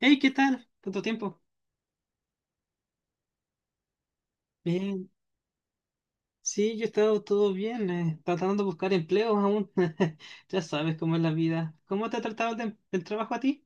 Hey, ¿qué tal? ¿Tanto tiempo? Bien. Sí, yo he estado todo bien, tratando de buscar empleos aún. Ya sabes cómo es la vida. ¿Cómo te ha tratado el trabajo a ti?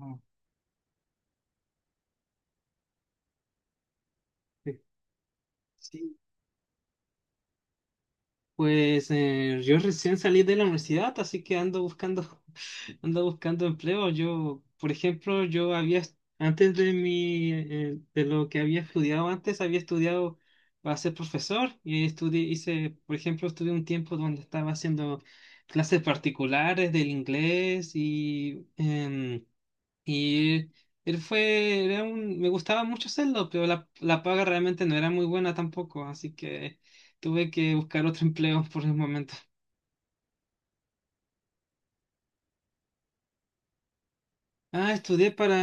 Ah, sí. Sí. Pues yo recién salí de la universidad, así que ando buscando, ando buscando empleo. Yo, por ejemplo, antes de de lo que había estudiado antes, había estudiado para ser profesor y estudié, hice, por ejemplo, estudié un tiempo donde estaba haciendo clases particulares del inglés y era un, me gustaba mucho hacerlo, pero la paga realmente no era muy buena tampoco, así que tuve que buscar otro empleo por el momento. Ah, estudié para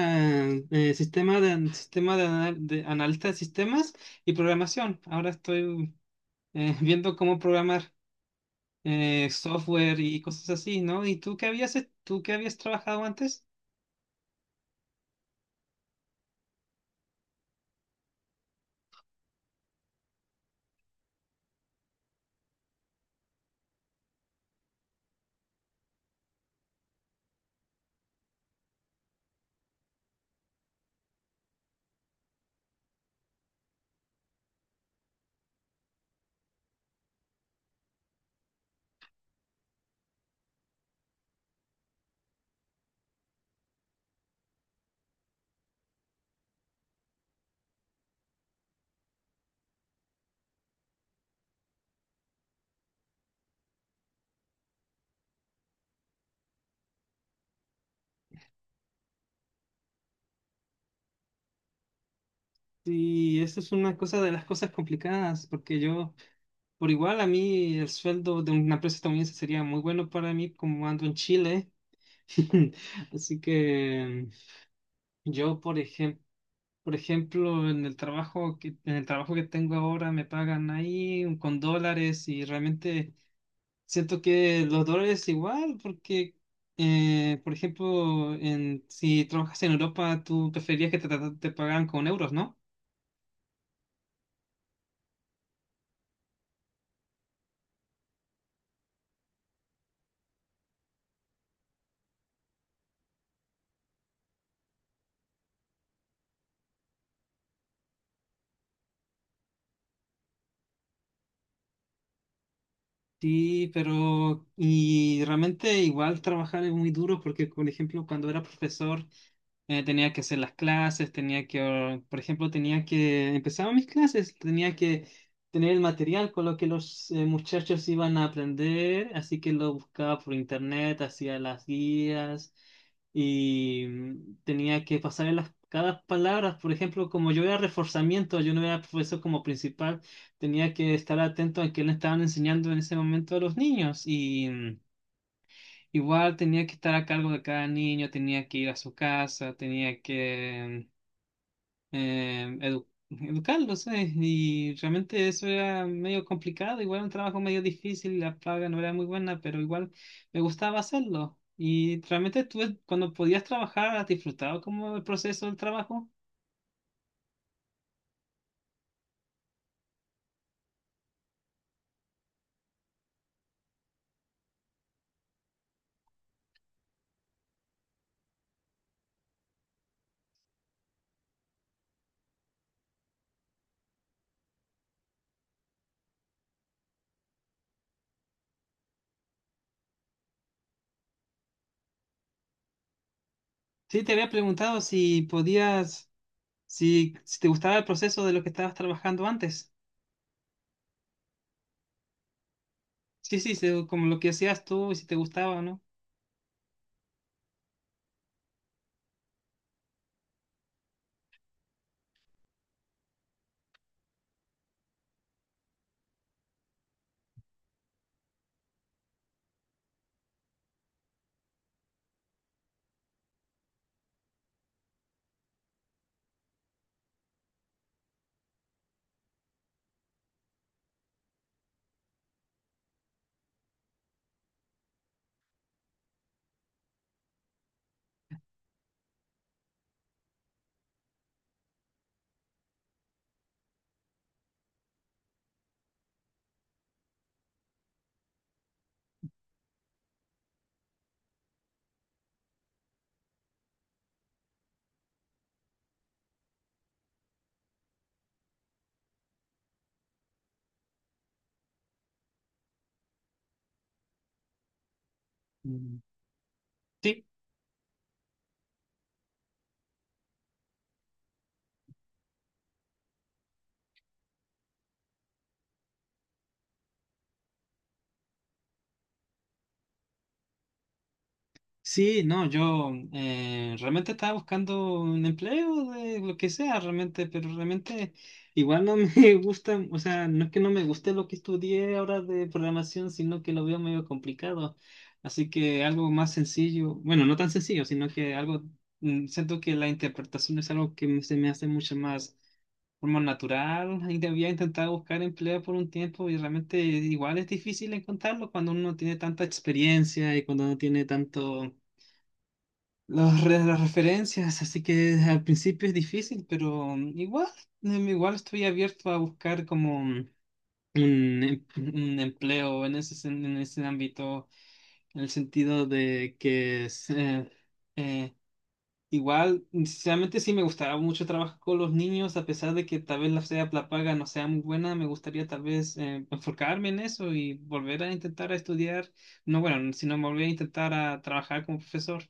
de analista de sistemas y programación. Ahora estoy viendo cómo programar software y cosas así, ¿no? ¿Tú qué habías trabajado antes? Y eso es una cosa de las cosas complicadas, porque yo. Por igual, a mí el sueldo de una empresa estadounidense sería muy bueno para mí, como ando en Chile. Así que yo, por ejemplo, en el trabajo que tengo ahora me pagan ahí con dólares y realmente siento que los dólares igual, porque, por ejemplo, en, si trabajas en Europa, tú preferirías que te pagaran con euros, ¿no? Sí, pero y realmente igual trabajar es muy duro porque, por ejemplo, cuando era profesor, tenía que hacer las clases, por ejemplo, tenía que, empezaba mis clases, tenía que tener el material con lo que los muchachos iban a aprender, así que lo buscaba por internet, hacía las guías y tenía que pasar en las, cada palabra, por ejemplo, como yo era reforzamiento, yo no era profesor como principal, tenía que estar atento a qué le estaban enseñando en ese momento a los niños y... mm, igual tenía que estar a cargo de cada niño, tenía que ir a su casa, tenía que educarlos, sabes. Y realmente eso era medio complicado, igual un trabajo medio difícil, la paga no era muy buena, pero igual me gustaba hacerlo. Y realmente tú, cuando podías trabajar, ¿has disfrutado como el proceso del trabajo? Sí, te había preguntado si podías, si, si te gustaba el proceso de lo que estabas trabajando antes. Sí, sí, como lo que hacías tú y si te gustaba, ¿no? Mm. Sí. Sí, no, yo realmente estaba buscando un empleo de lo que sea, realmente, pero realmente igual no me gusta, o sea, no es que no me guste lo que estudié ahora de programación, sino que lo veo medio complicado. Así que algo más sencillo, bueno, no tan sencillo, sino que algo, siento que la interpretación es algo que se me hace mucho más forma natural. Y había intentado buscar empleo por un tiempo y realmente igual es difícil encontrarlo cuando uno no tiene tanta experiencia y cuando no tiene tanto las referencias, así que al principio es difícil, pero igual, igual estoy abierto a buscar como un empleo en en ese ámbito, en el sentido de que es, eh, igual, sinceramente sí me gustaba mucho trabajar con los niños, a pesar de que tal vez la paga no sea muy buena, me gustaría tal vez enfocarme en eso y volver a intentar a estudiar, no bueno, sino volver a intentar a trabajar como profesor.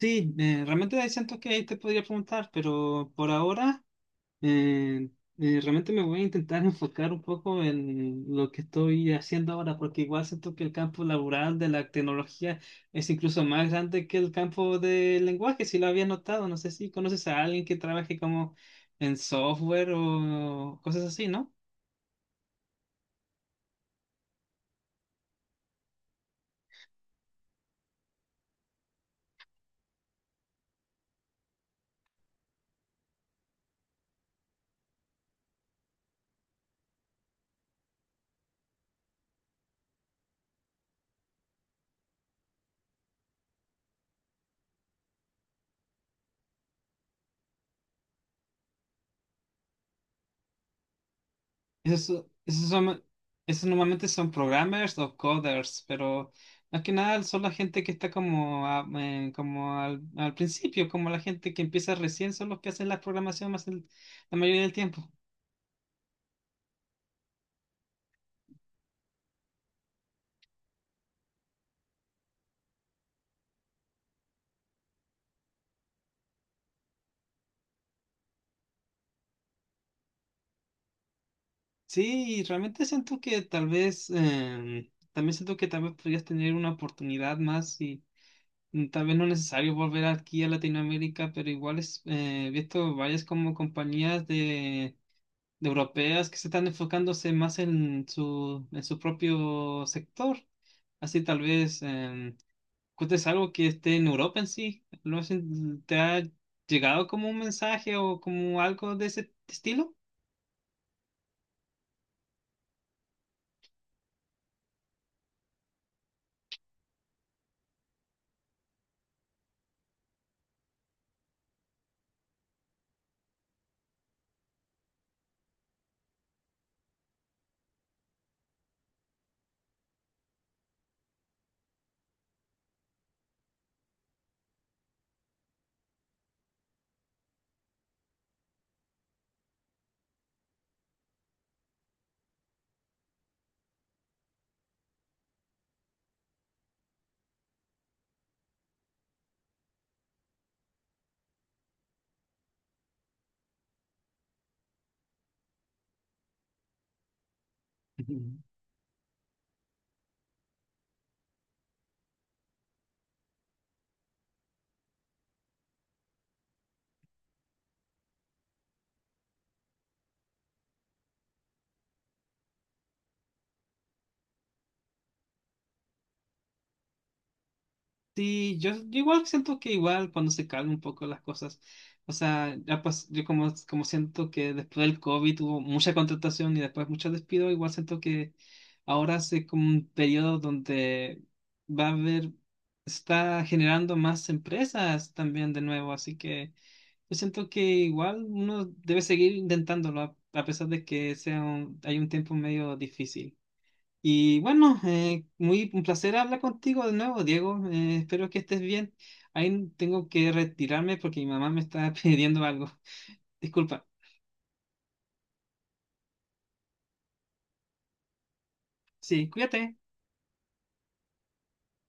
Sí, realmente hay cientos que ahí te podría preguntar, pero por ahora eh, realmente me voy a intentar enfocar un poco en lo que estoy haciendo ahora, porque igual siento que el campo laboral de la tecnología es incluso más grande que el campo del lenguaje, si lo habías notado. No sé si conoces a alguien que trabaje como en software o cosas así, ¿no? Esos, esos son, esos normalmente son programmers o coders, pero más que nada son la gente que está como, como al principio, como la gente que empieza recién, son los que hacen la programación más la mayoría del tiempo. Sí, y realmente siento que tal vez, también siento que tal vez podrías tener una oportunidad más y tal vez no es necesario volver aquí a Latinoamérica, pero igual es, he visto varias como compañías de europeas que se están enfocándose más en su propio sector. Así tal vez cuentes algo que esté en Europa en sí. ¿Te ha llegado como un mensaje o como algo de ese estilo? Sí, yo igual siento que igual cuando se calmen un poco las cosas, o sea, yo como, como siento que después del COVID hubo mucha contratación y después mucho despido, igual siento que ahora es como un periodo donde va a haber, está generando más empresas también de nuevo, así que yo siento que igual uno debe seguir intentándolo a pesar de que sea hay un tiempo medio difícil. Y bueno, muy un placer hablar contigo de nuevo, Diego. Espero que estés bien. Ahí tengo que retirarme porque mi mamá me está pidiendo algo. Disculpa. Sí, cuídate.